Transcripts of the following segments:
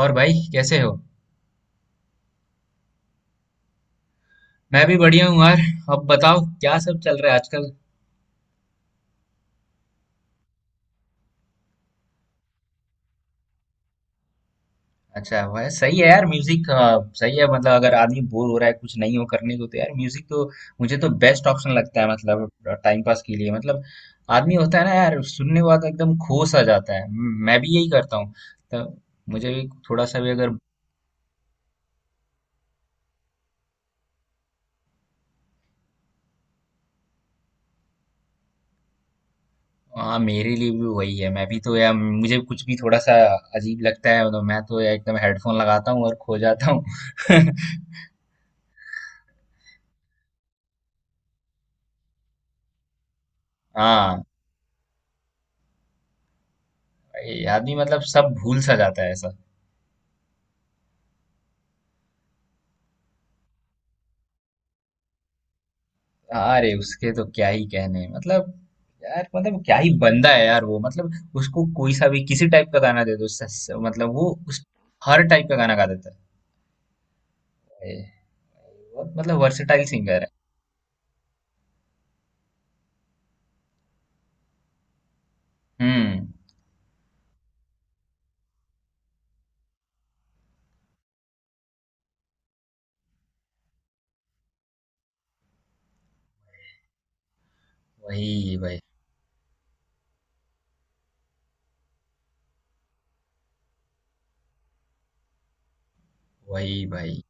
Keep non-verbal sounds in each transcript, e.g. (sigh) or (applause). और भाई कैसे हो? मैं भी बढ़िया हूँ यार। अब बताओ क्या सब चल रहा है आजकल? अच्छा वह सही है यार म्यूजिक। सही है मतलब अगर आदमी बोर हो रहा है कुछ नहीं हो करने को तो यार म्यूजिक तो मुझे तो बेस्ट ऑप्शन लगता है मतलब टाइम पास के लिए मतलब आदमी होता है ना यार सुनने के बाद एकदम खो सा जाता है। मैं भी यही करता हूँ तो मुझे भी थोड़ा सा भी अगर। हाँ मेरे लिए भी वही है मैं भी तो यार मुझे कुछ भी थोड़ा सा अजीब लगता है तो मैं तो यार एकदम हेडफोन लगाता हूँ और खो जाता हूँ। (laughs) हाँ। आदमी मतलब सब भूल सा जाता है ऐसा। अरे उसके तो क्या ही कहने मतलब। यार मतलब क्या ही बंदा है यार वो मतलब उसको कोई सा भी किसी टाइप का गाना दे दो मतलब वो उस हर टाइप का गाना गा देता है। ए, बहुत मतलब वर्सेटाइल सिंगर है। हम्म। वही भाई वही भाई।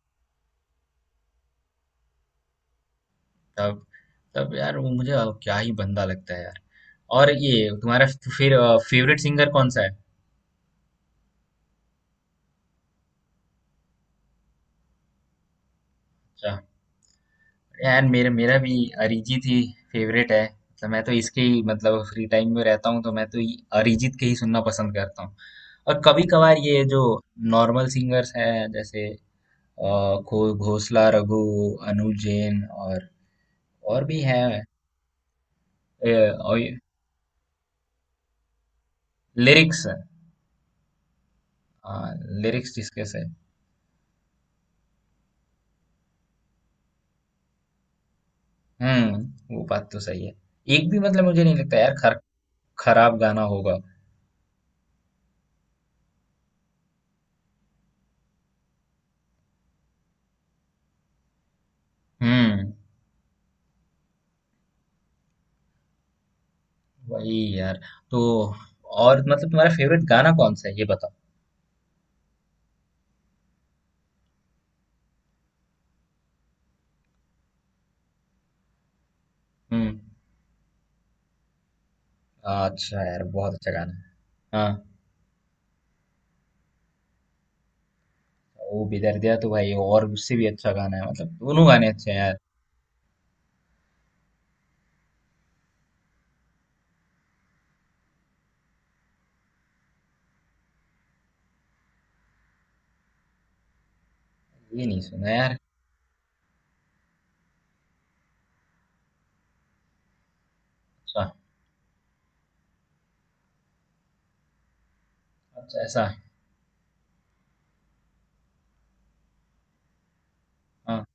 तब तब यार वो मुझे क्या ही बंदा लगता है यार। और ये तुम्हारा फिर फेवरेट सिंगर कौन सा है? अच्छा। यार मेरा मेरा भी अरिजीत ही फेवरेट है। तो मैं तो इसके ही मतलब फ्री टाइम में रहता हूँ तो मैं तो ये अरिजीत के ही सुनना पसंद करता हूँ। और कभी कभार ये जो नॉर्मल सिंगर्स हैं जैसे अ, घोषला रघु, अनुज जैन और भी हैं। ए, और लिरिक्स लिरिक्स जिसके से। वो बात तो सही है। एक भी मतलब मुझे नहीं लगता यार, खराब गाना होगा। हम्म वही यार, तो और मतलब तुम्हारा फेवरेट गाना कौन सा है ये बताओ? हुँ। अच्छा है यार, बहुत अच्छा गाना है। हाँ। वो भी दर्द दिया तो भाई और उससे भी अच्छा गाना है मतलब दोनों गाने अच्छे हैं यार। ये नहीं सुना यार। अच्छा, अच्छा ऐसा है। हाँ।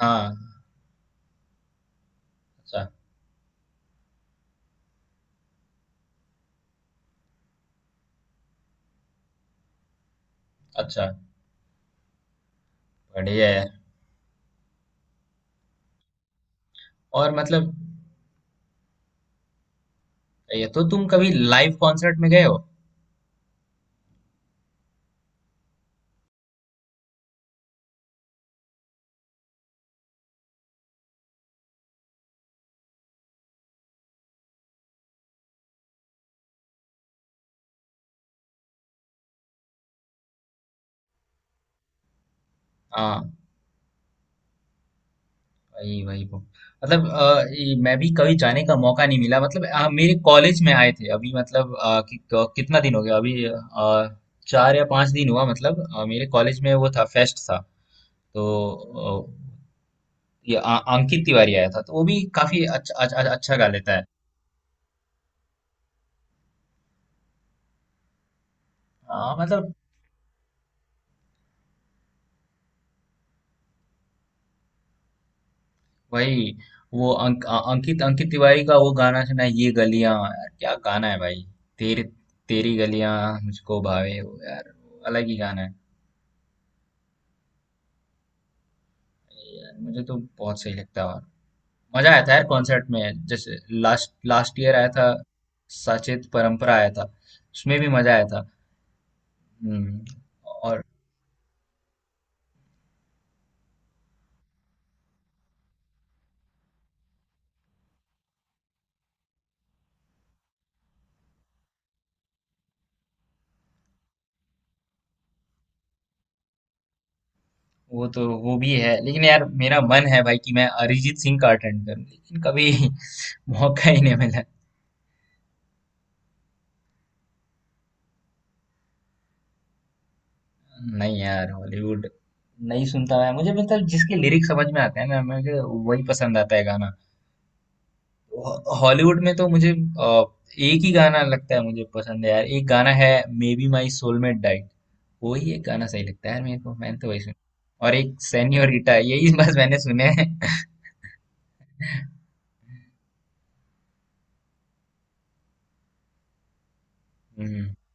हाँ, अच्छा, अच्छा, बढ़िया है यार। और मतलब ये तो तुम कभी लाइव कॉन्सर्ट में गए हो? हाँ, वही वही वो। मतलब ये मैं भी कभी जाने का मौका नहीं मिला, मतलब मेरे कॉलेज में आए थे अभी, मतलब कि क कितना दिन हो गया अभी, 4 या 5 दिन हुआ, मतलब मेरे कॉलेज में वो था, फेस्ट था। तो ये अंकित तिवारी आया था तो वो भी काफी अच्छा अच्छा, अच्छा गा लेता है। मतलब भाई वो अंकित अंकित तिवारी का वो गाना सुना है ये गलियां, यार क्या गाना है भाई, तेरी तेरी गलियां मुझको भावे वो यार, अलग ही गाना है, यार मुझे तो बहुत सही लगता है। और मजा आया था यार कॉन्सर्ट में, जैसे लास्ट लास्ट ईयर आया था सचेत परंपरा, आया था उसमें भी मजा आया था। हम्म, और वो तो वो भी है लेकिन यार मेरा मन है भाई कि मैं अरिजीत सिंह का अटेंड करूं, लेकिन कभी (laughs) मौका ही नहीं मिला। नहीं यार, हॉलीवुड नहीं सुनता मैं, मुझे मतलब जिसके लिरिक्स समझ में आते हैं ना मुझे वही पसंद आता है गाना। हॉलीवुड में तो मुझे एक ही गाना लगता है, मुझे पसंद है यार एक गाना है, maybe my soulmate died. वही एक गाना सही लगता है यार मेरे को, मैंने तो वही सुना, और एक सेन्योरिटा, यही बस मैंने सुने हैं। (laughs)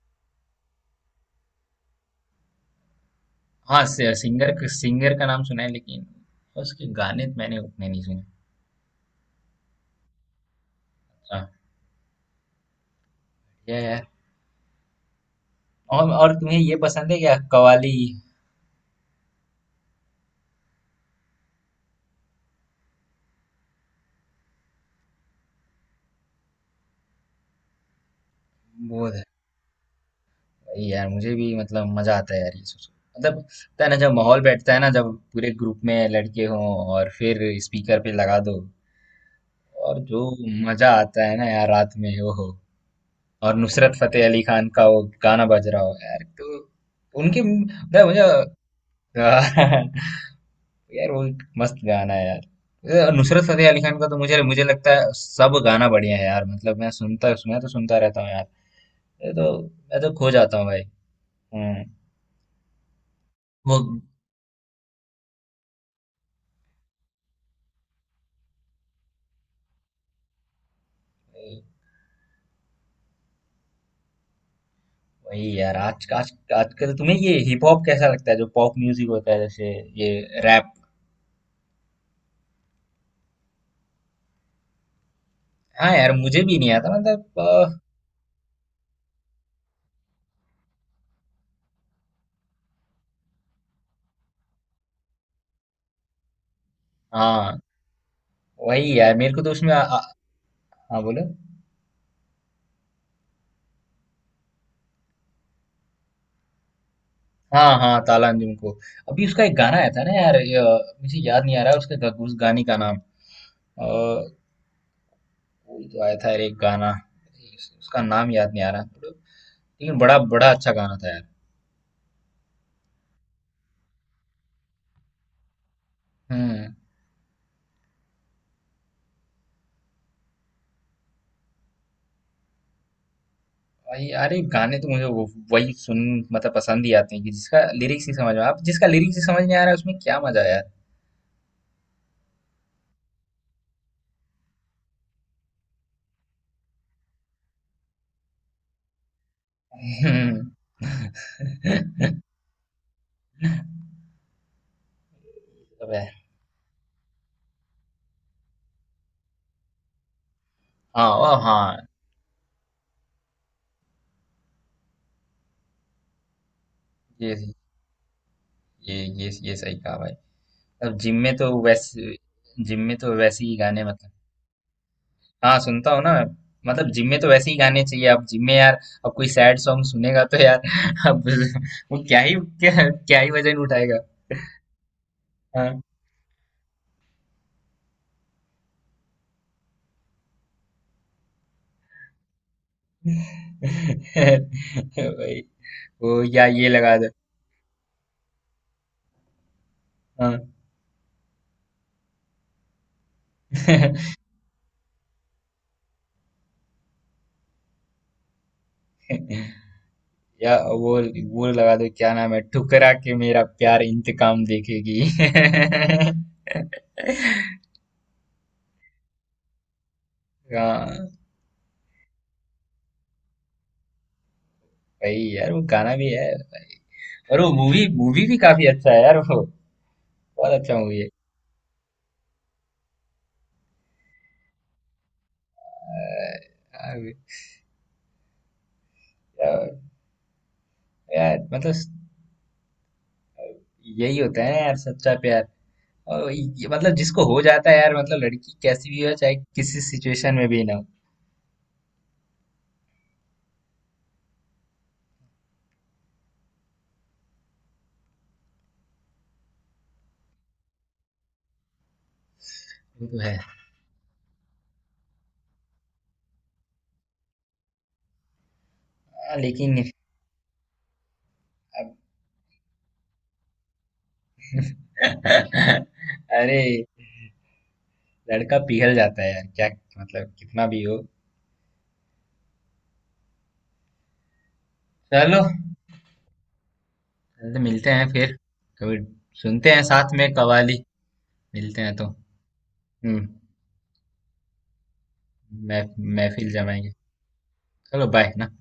हाँ, सिंगर सिंगर का नाम सुना है लेकिन उसके गाने तो मैंने उतने नहीं सुने। हाँ ये है। और तुम्हें ये पसंद है क्या कवाली? बोध, वही यार मुझे भी मतलब मजा आता है यार ये सुन, मतलब होता है ना जब माहौल बैठता है ना, जब पूरे ग्रुप में लड़के हों और फिर स्पीकर पे लगा दो, और जो मजा आता है ना यार रात में, वो हो और नुसरत फतेह अली खान का वो गाना बज रहा हो यार, तो उनके मतलब मुझे (laughs) यार वो एक मस्त गाना है यार। ये नुसरत फतेह अली खान का तो मुझे मुझे लगता है सब गाना बढ़िया है यार, मतलब मैं सुनता, मैं तो सुनता रहता हूँ यार, ये तो मैं तो खो जाता हूँ भाई। हम्म। वो वही यार, आज आज आजकल तुम्हें ये हिप हॉप कैसा लगता है, जो पॉप म्यूजिक होता है जैसे ये रैप? हाँ यार मुझे भी नहीं आता, मतलब हाँ वही यार मेरे को तो उसमें आ, आ, हाँ बोलो। हाँ हाँ, ताला अंजुम को अभी उसका एक गाना आया था ना यार, ये, मुझे याद नहीं आ रहा है उसके उस गाने का नाम। अ, अभी तो आया था यार एक गाना, उसका नाम याद नहीं आ रहा, लेकिन बड़ा बड़ा अच्छा गाना था यार। हम्म। भाई अरे गाने तो मुझे वही सुन, मतलब पसंद ही आते हैं, कि जिसका लिरिक्स नहीं समझ में आप, जिसका लिरिक्स ही समझ नहीं आ रहा है उसमें क्या मजा है यार। हम्म। (laughs) तो हाँ वाह हाँ, ये ये सही कहा भाई। अब जिम में तो वैसे जिम में तो वैसे ही गाने मतलब हाँ सुनता हूँ ना मैं। मतलब जिम में तो वैसे ही गाने चाहिए, अब जिम में यार, अब कोई सैड सॉन्ग सुनेगा तो यार (laughs) अब वो क्या ही वजन उठाएगा। हाँ। (laughs) भाई वो या ये लगा दो। हाँ। (laughs) या वो वो लगा दो क्या नाम है, ठुकरा के मेरा प्यार इंतकाम देखेगी। (laughs) हाँ भाई यार वो गाना भी है, और वो मूवी मूवी भी काफी अच्छा है यार, वो बहुत अच्छा मूवी है यार। यार, मतलब यही होता है यार सच्चा प्यार। और ये, मतलब जिसको हो जाता है यार, मतलब लड़की कैसी भी हो चाहे किसी सिचुएशन में भी ना हो। वो तो है। हाँ, लेकिन (laughs) अरे लड़का पिघल जाता है यार, क्या मतलब कितना भी हो। चलो, चल तो मिलते हैं फिर कभी, सुनते हैं साथ में कवाली। मिलते हैं तो। हम्म। महफिल जमाएंगे। चलो बाय ना।